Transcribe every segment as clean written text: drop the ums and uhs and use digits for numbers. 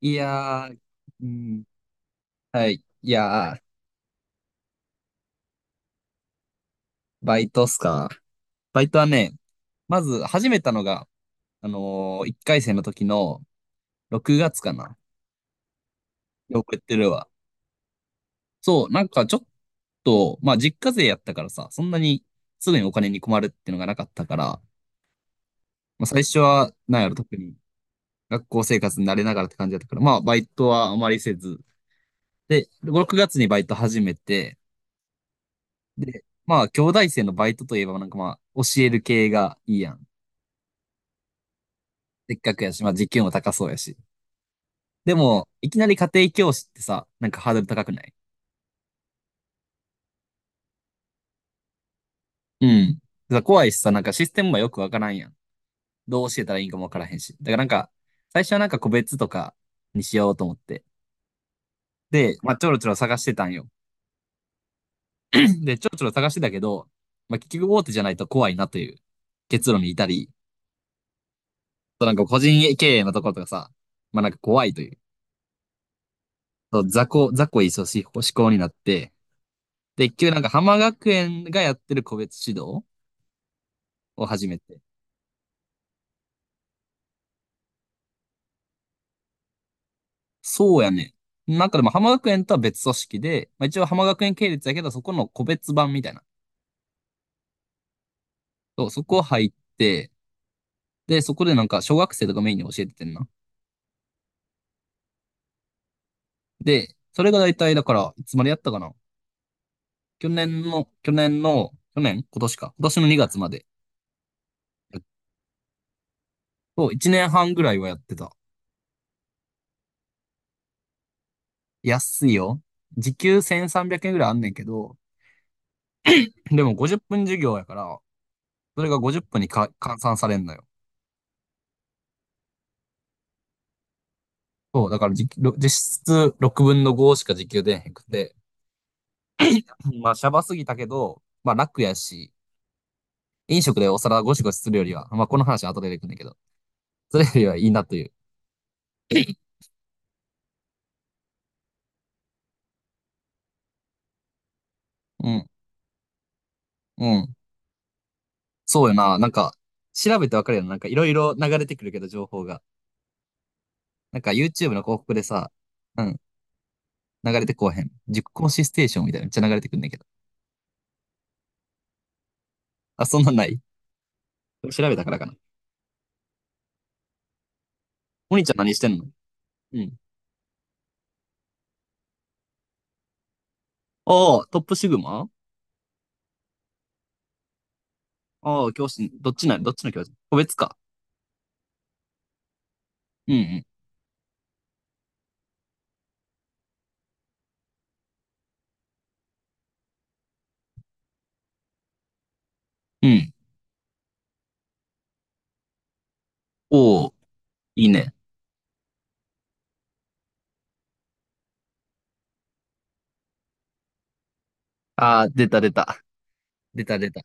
いやー、うん、はい。いやー、バイトっすか。バイトはね、まず始めたのが、1回生の時の6月かな。よくやってるわ。そう、なんかちょっと、まあ実家勢やったからさ、そんなにすぐにお金に困るっていうのがなかったから、まあ最初は、なんやろ、特に学校生活に慣れながらって感じだったから、まあバイトはあまりせず。で、6月にバイト始めて、で、まあ兄弟生のバイトといえばなんかまあ教える系がいいやん。せっかくやし、まあ時給も高そうやし。でも、いきなり家庭教師ってさ、なんかハードル高くない？うん。怖いしさ、なんかシステムもよくわからんやん。どう教えたらいいんかもわからへんし。だからなんか、最初はなんか個別とかにしようと思って。で、まあちょろちょろ探してたんよ。で、ちょろちょろ探してたけど、まあ結局大手じゃないと怖いなという結論に至り、そうなんか個人経営のところとかさ、まあなんか怖いという、そう雑魚い組織思考になって、で、結局なんか浜学園がやってる個別指導を始めて、そうやね。なんかでも浜学園とは別組織で、まあ、一応浜学園系列やけど、そこの個別版みたいな。そう、そこ入って、で、そこでなんか小学生とかメインに教えててんな。で、それが大体だから、いつまでやったかな。去年今年か。今年の2月まで。そう、1年半ぐらいはやってた。安いよ。時給1300円ぐらいあんねんけど、でも50分授業やから、それが50分にか換算されんのよ。そう、だから時給ろ実質6分の5しか時給出へんくて、まあ、シャバすぎたけど、まあ、楽やし、飲食でお皿ゴシゴシするよりは、まあ、この話は後で出てくるんだけど、それよりはいいなという。うん、うん。そうよな。なんか、調べてわかるよな。なんか、いろいろ流れてくるけど、情報が。なんか、YouTube の広告でさ、うん、流れてこうへん。塾講師ステーションみたいなめっちゃ流れてくるんだけど。あ、そんなんない？調べたからかな。お兄ちゃん何してんの？うん。ああ、トップシグマ。ああ、教師、どっちの教師、個別か？うんうん。うん。おお、いいね。ああ、出た出た。出た出た。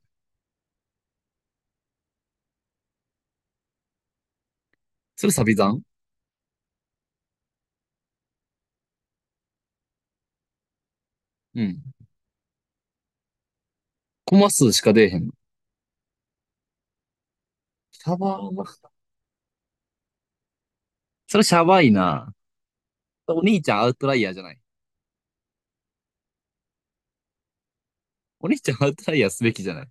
それサビ残？うん。コマ数しか出えへんの？シャバーな。それシャバいな。お兄ちゃんアウトライヤーじゃない？お兄ちゃんアウトライヤーすべきじゃない？い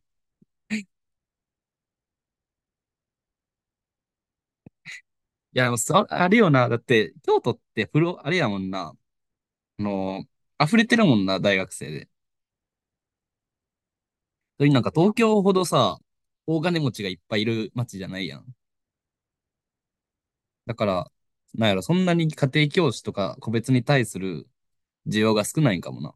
や、あれよな。だって、京都ってあれやもんな。あの溢れてるもんな、大学生で。それになんか東京ほどさ、大金持ちがいっぱいいる街じゃないやん。だから、なんやろ、そんなに家庭教師とか個別に対する需要が少ないんかもな。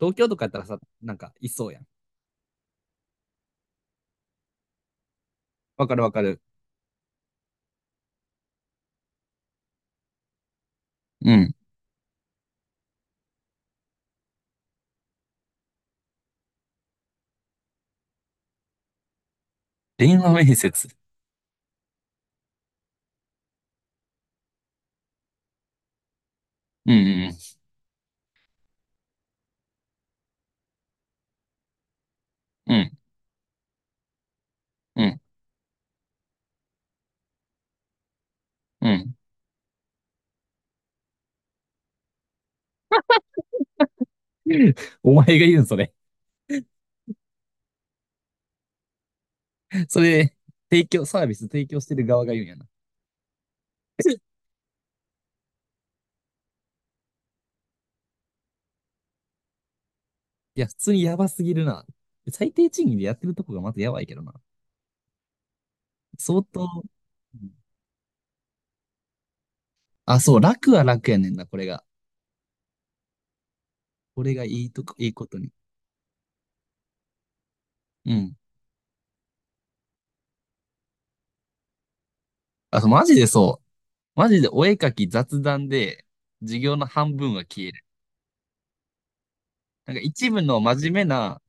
東京とかやったらさ、なんかいそうやん。わかるわかる。うん。電話面接。うんうんうん。うん、うん、うん。お前が言うん、それ。それ、サービス提供してる側が言うんやな。いや、普通にやばすぎるな。最低賃金でやってるとこがまずやばいけどな。相当、うん、あ、そう、楽は楽やねんな、これが。いいことに。うん。あ、そうマジでそう。マジでお絵かき雑談で、授業の半分は消える。なんか一部の真面目な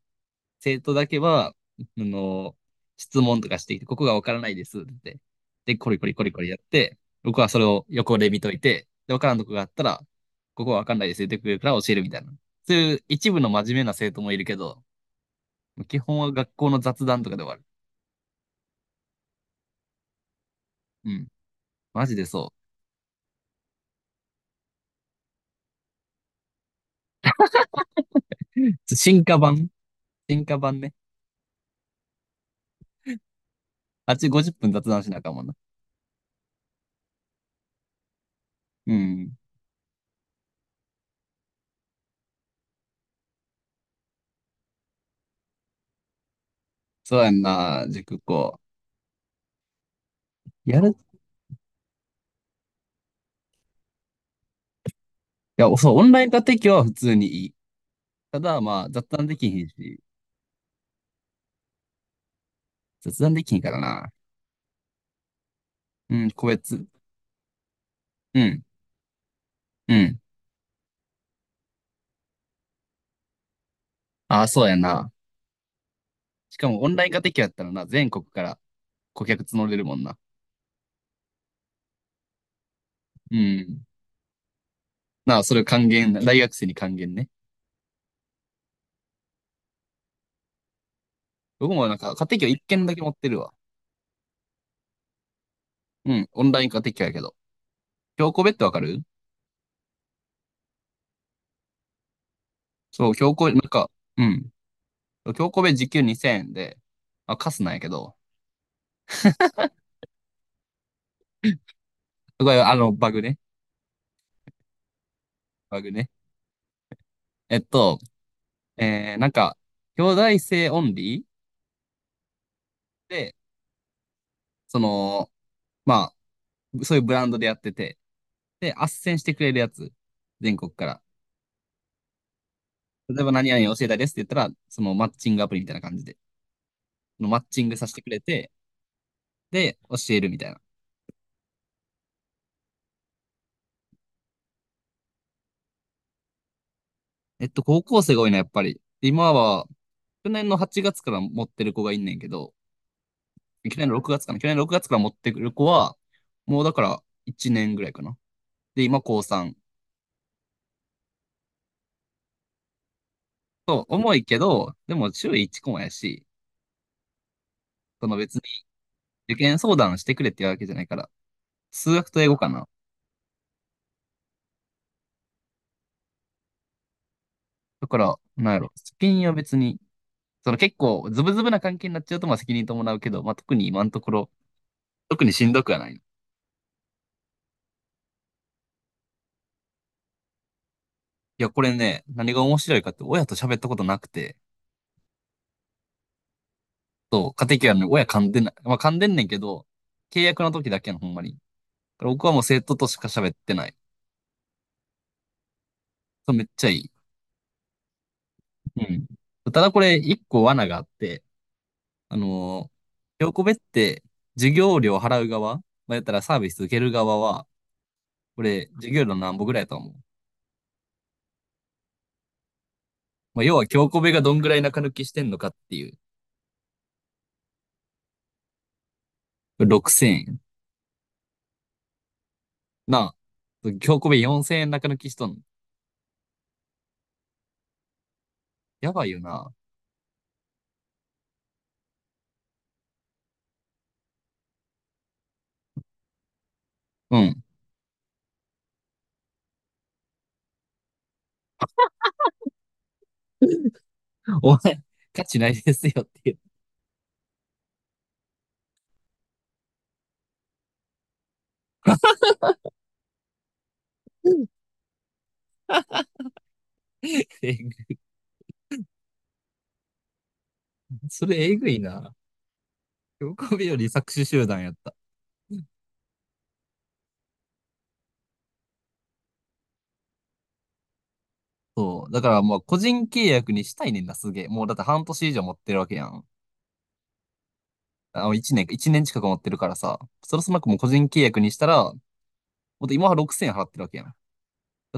生徒だけは、あの、質問とかしてきて、ここがわからないですって言って。で、コリコリコリコリやって、僕はそれを横で見といて、で、わからんとこがあったら、ここはわかんないですって言ってくれるから教えるみたいな。そういう一部の真面目な生徒もいるけど、基本は学校の雑談とかで終わる。うん。マジでそう。進化版ね。あっち50分雑談しなあかんもんな。うん。そうやんな、塾校。やるいや、そう、オンライン化適用は普通にいい。ただ、まあ、雑談できひんし。雑談できへんからな。うん、個別。うん、うん。ああ、そうやな。しかもオンライン化できやったらな、全国から顧客募れるもんな。うん。なあ、それ還元、大学生に還元ね。僕もなんか、家庭教一件だけ持ってるわ。うん、オンライン家庭教やけど。教個別ってわかる？そう、なんか、うん。教個別時給2000円で、あ、カスなんやけど。すごい、バグね。バグね。えっと、なんか、兄弟生オンリーで、その、まあ、そういうブランドでやってて、で、斡旋してくれるやつ。全国から。例えば何々教えたいですって言ったら、そのマッチングアプリみたいな感じで、のマッチングさせてくれて、で、教えるみたいな。高校生が多いな、やっぱり。今は、去年の8月から持ってる子がいんねんけど、去年の6月かな。去年の6月から持ってくる子は、もうだから1年ぐらいかな。で、今高3。そう、重いけど、でも週1コマやし、その別に受験相談してくれって言うわけじゃないから、数学と英語かな。だから、なんやろ、試験は別にその結構ズブズブな関係になっちゃうとまあ責任伴うけど、まあ特に今のところ、特にしんどくはない。いや、これね、何が面白いかって親と喋ったことなくて、そう、家庭教育の親噛んでない。まあ噛んでんねんけど、契約の時だけのほんまに。僕はもう生徒としか喋ってない。そう、めっちゃいい。うん。ただこれ一個罠があって、あのひこって授業料払う側、まあ、やったらサービス受ける側は、これ授業料何歩ぐらいだと思う？まあ、要は京子部がどんぐらい中抜きしてんのかっていう。6000円。なあ、今日米4000円中抜きしとんの。やばいよな。うん。お前、価値ないですよって言って。それえぐいな。今日米より搾取集団やった。そう。だからもう個人契約にしたいねんな、すげえ。もうだって半年以上持ってるわけやん。1年か、年近く持ってるからさ。そろそろもう個人契約にしたら、もっと今は6000円払ってるわけやん。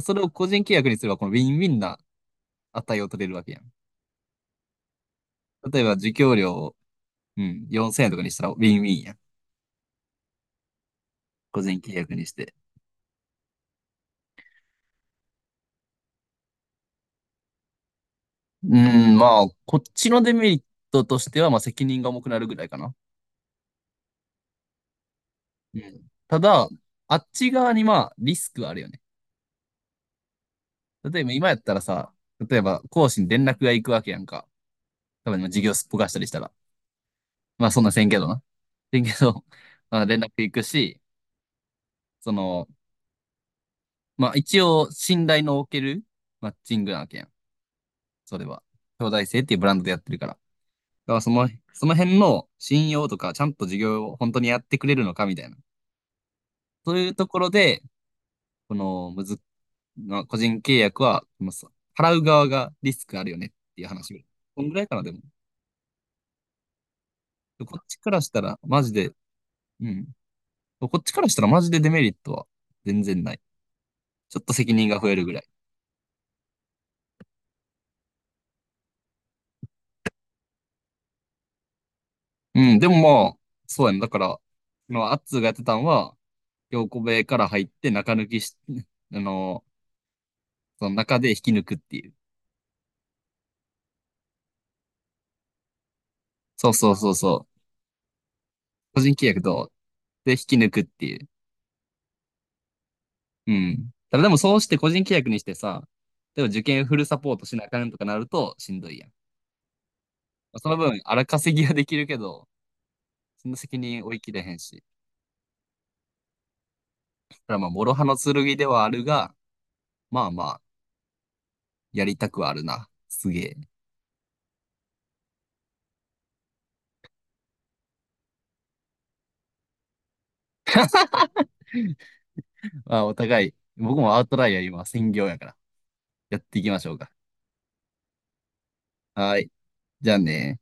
それを個人契約にすれば、このウィンウィンな値を取れるわけやん。例えば、受給料、うん、4000円とかにしたらウィンウィンやん。個人契約にして。うん、まあ、こっちのデメリットとしては、まあ、責任が重くなるぐらいかな。うん。ただ、あっち側にまあ、リスクはあるよね。例えば、今やったらさ、例えば、講師に連絡が行くわけやんか。多分、授業すっぽかしたりしたら。まあ、そんなせんけどな。せんけど、まあ、連絡行くし、その、まあ、一応、信頼のおけるマッチングなわけやん。それは。兄弟生っていうブランドでやってるから。だから、その辺の信用とか、ちゃんと授業を本当にやってくれるのかみたいな。そういうところで、このむず、まあ、個人契約は、まあさ払う側がリスクあるよねっていう話。こんぐらいかな、でも。でこっちからしたら、マジで、うん。こっちからしたらマジでデメリットは全然ない。ちょっと責任が増えるぐらい。うん、でもまあ、そうやん、だから、まあ、アッツーがやってたんは、京子部屋から入って中抜きし、あの、その中で引き抜くっていう。そうそうそうそう。個人契約と、で引き抜くっていう。うん。ただでもそうして個人契約にしてさ、でも受験フルサポートしなあかんとかなるとしんどいやん。まあその分、荒稼ぎはできるけど、その責任追い切れへんし。だからまあ、諸刃の剣ではあるが、まあまあ、やりたくはあるな。すげえ。まあ、お互い、僕もアウトライヤー今、専業やから、やっていきましょうか。はい。じゃあね。